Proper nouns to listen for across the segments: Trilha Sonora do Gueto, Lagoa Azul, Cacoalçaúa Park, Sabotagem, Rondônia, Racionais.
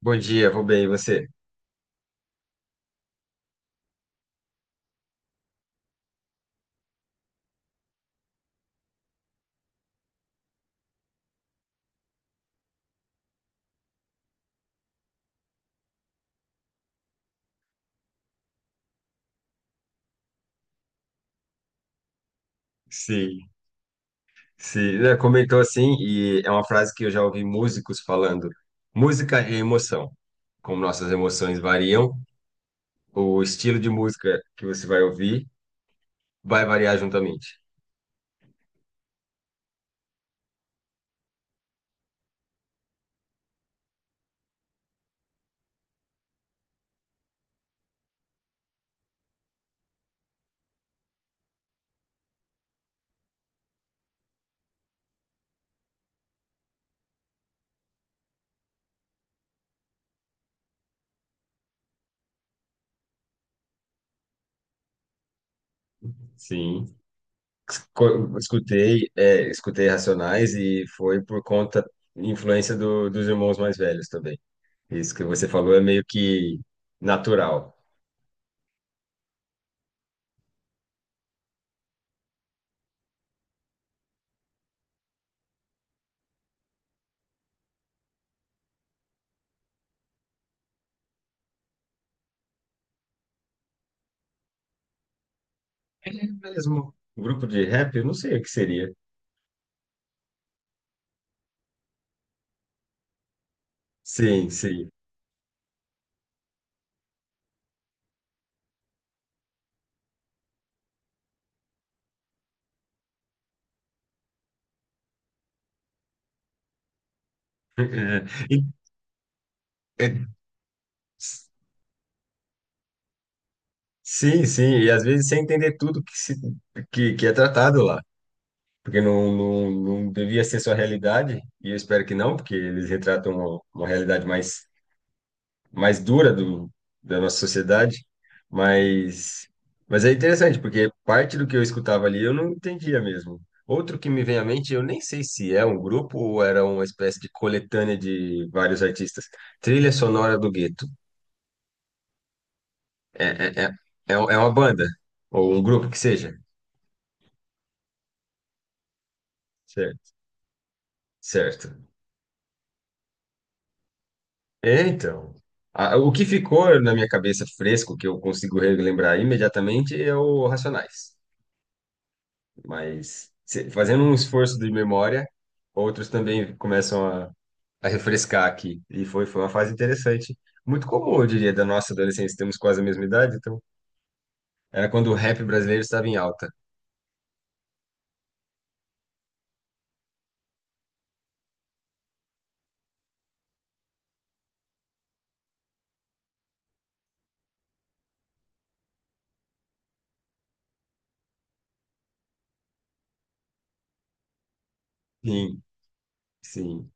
Bom dia, vou bem, e você? Sim, sim, né, comentou assim, e é uma frase que eu já ouvi músicos falando. Música é emoção. Como nossas emoções variam, o estilo de música que você vai ouvir vai variar juntamente. Sim. Escutei, escutei Racionais e foi por conta, influência dos irmãos mais velhos também. Isso que você falou é meio que natural. É mesmo. Grupo de rap, eu não sei o que seria. Sim. E- é, sim, e às vezes sem entender tudo que, se, que é tratado lá, porque não devia ser sua realidade, e eu espero que não, porque eles retratam uma realidade mais dura da nossa sociedade, mas, mas é interessante, porque parte do que eu escutava ali eu não entendia mesmo. Outro que me vem à mente, eu nem sei se é um grupo ou era uma espécie de coletânea de vários artistas, Trilha Sonora do Gueto. É, é, é, é uma banda, ou um grupo que seja. Certo. Certo. É, então. O que ficou na minha cabeça fresco, que eu consigo relembrar imediatamente, é o Racionais. Mas fazendo um esforço de memória, outros também começam a refrescar aqui. E foi uma fase interessante. Muito comum, eu diria, da nossa adolescência. Temos quase a mesma idade, então era quando o rap brasileiro estava em alta. Sim, sim.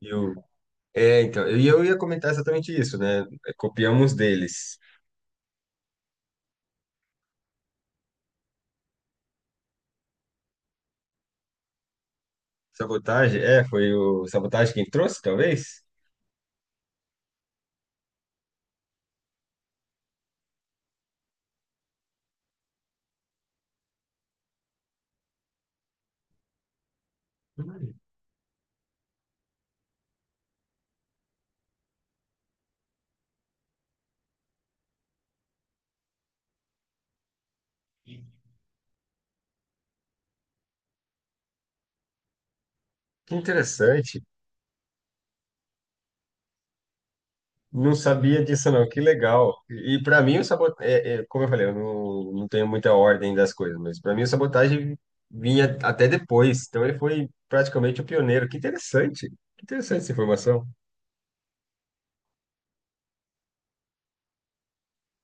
E o É, então, e eu ia comentar exatamente isso, né? Copiamos deles. Sabotagem, é, foi o Sabotagem quem trouxe, talvez? Hum. Que interessante. Não sabia disso, não. Que legal. E para mim, o sabotagem, como eu falei, eu não, não tenho muita ordem das coisas, mas para mim, o Sabotagem vinha até depois. Então, ele foi praticamente o pioneiro. Que interessante. Que interessante essa informação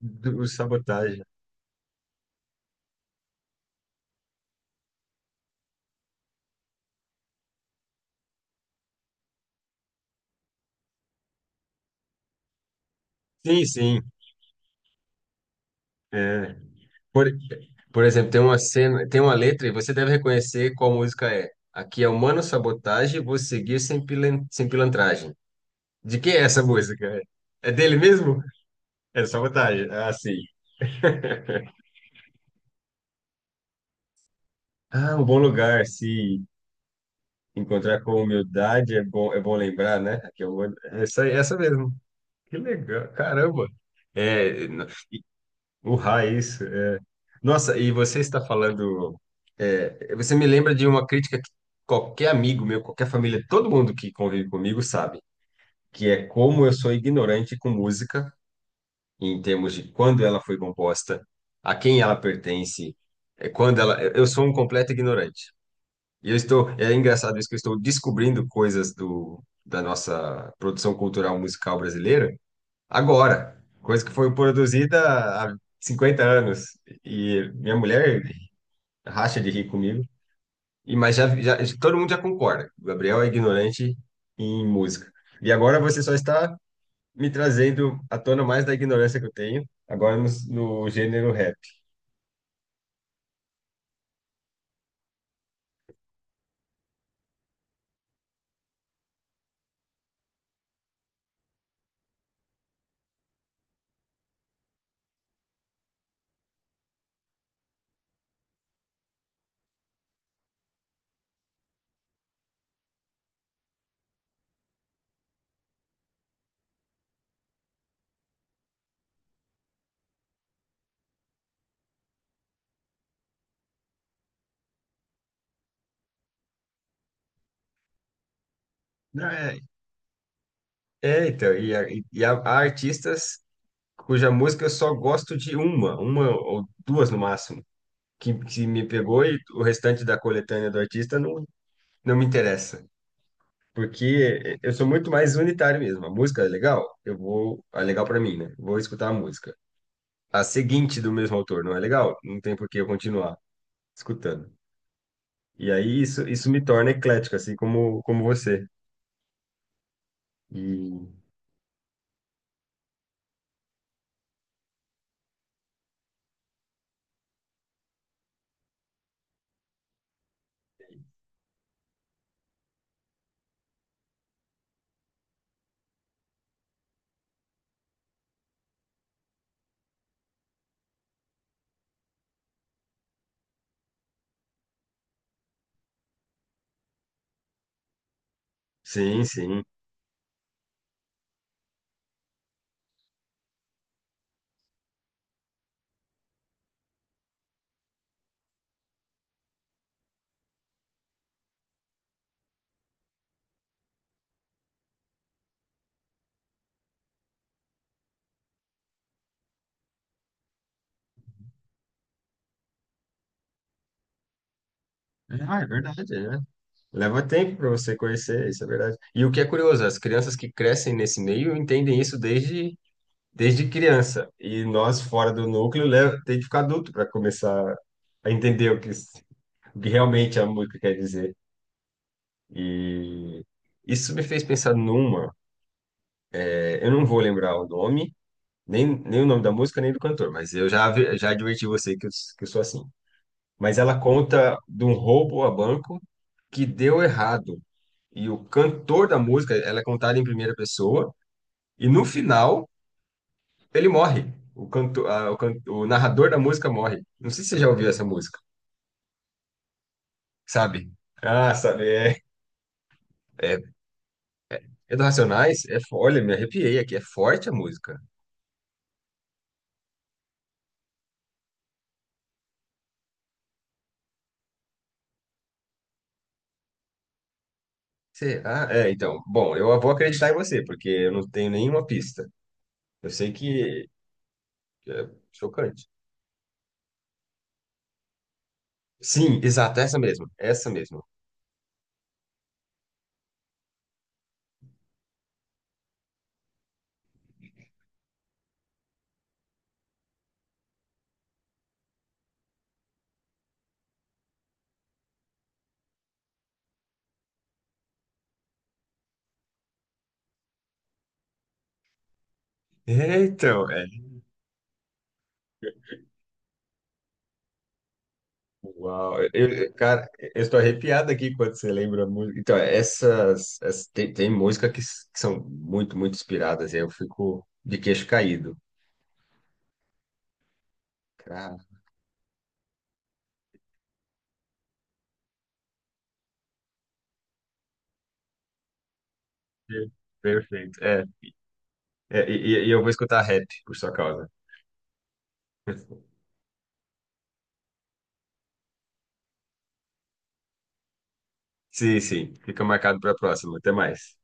do Sabotagem. Sim, sim. É. Por, por exemplo, tem uma cena, tem uma letra e você deve reconhecer qual música é. Aqui é Humano Sabotagem, vou seguir sem pilantragem. De quem é essa música? É dele mesmo? É Sabotagem. Ah, sim. Ah, um bom lugar, se encontrar com humildade é bom lembrar, né? Aqui é o, essa mesmo. Que legal, caramba. É, n- o raiz. Nossa, e você está falando. É, você me lembra de uma crítica que qualquer amigo meu, qualquer família, todo mundo que convive comigo sabe, que é como eu sou ignorante com música, em termos de quando ela foi composta, a quem ela pertence, quando ela. Eu sou um completo ignorante. E eu estou. É engraçado isso que eu estou descobrindo coisas da nossa produção cultural musical brasileira agora, coisa que foi produzida há 50 anos. E minha mulher racha de rir comigo. E, todo mundo já concorda. O Gabriel é ignorante em música. E agora você só está me trazendo à tona mais da ignorância que eu tenho, agora no gênero rap. Não, É, é, então, e, a- e e Há, há artistas cuja música eu só gosto de uma ou duas no máximo, que me pegou e o restante da coletânea do artista não me interessa. Porque eu sou muito mais unitário mesmo. A música é legal, eu vou, é legal para mim, né? Vou escutar a música. A seguinte do mesmo autor, não é legal? Não tem por que eu continuar escutando. E aí isso me torna eclético, assim como você. E sim, sim. Ah, é verdade, né? Leva tempo para você conhecer, isso é verdade. E o que é curioso, as crianças que crescem nesse meio entendem isso desde, desde criança. E nós, fora do núcleo, leva, tem que ficar adulto para começar a entender o que realmente a música quer dizer. E isso me fez pensar numa, é, eu não vou lembrar o nome, nem o nome da música, nem do cantor, mas eu já adverti você que que eu sou assim. Mas ela conta de um roubo a banco que deu errado. E o cantor da música, ela é contada em primeira pessoa, e no final ele morre. O, canto, a- o, can- o narrador da música morre. Não sei se você já ouviu essa música, sabe? Ah, sabe, é. É, é do Racionais, é, olha, me arrepiei aqui, é forte a música. Será? É, então, bom, eu vou acreditar em você, porque eu não tenho nenhuma pista. Eu sei que é chocante. Sim, exato, essa mesmo, essa mesmo. É, então, é. Uau, cara, eu estou arrepiado aqui quando você lembra a música. Então, tem música que são muito, muito inspiradas, e aí eu fico de queixo caído. Cara, per- perfeito. É, e, eu vou escutar rap por sua causa. Sim, sim, fica marcado para a próxima. Até mais.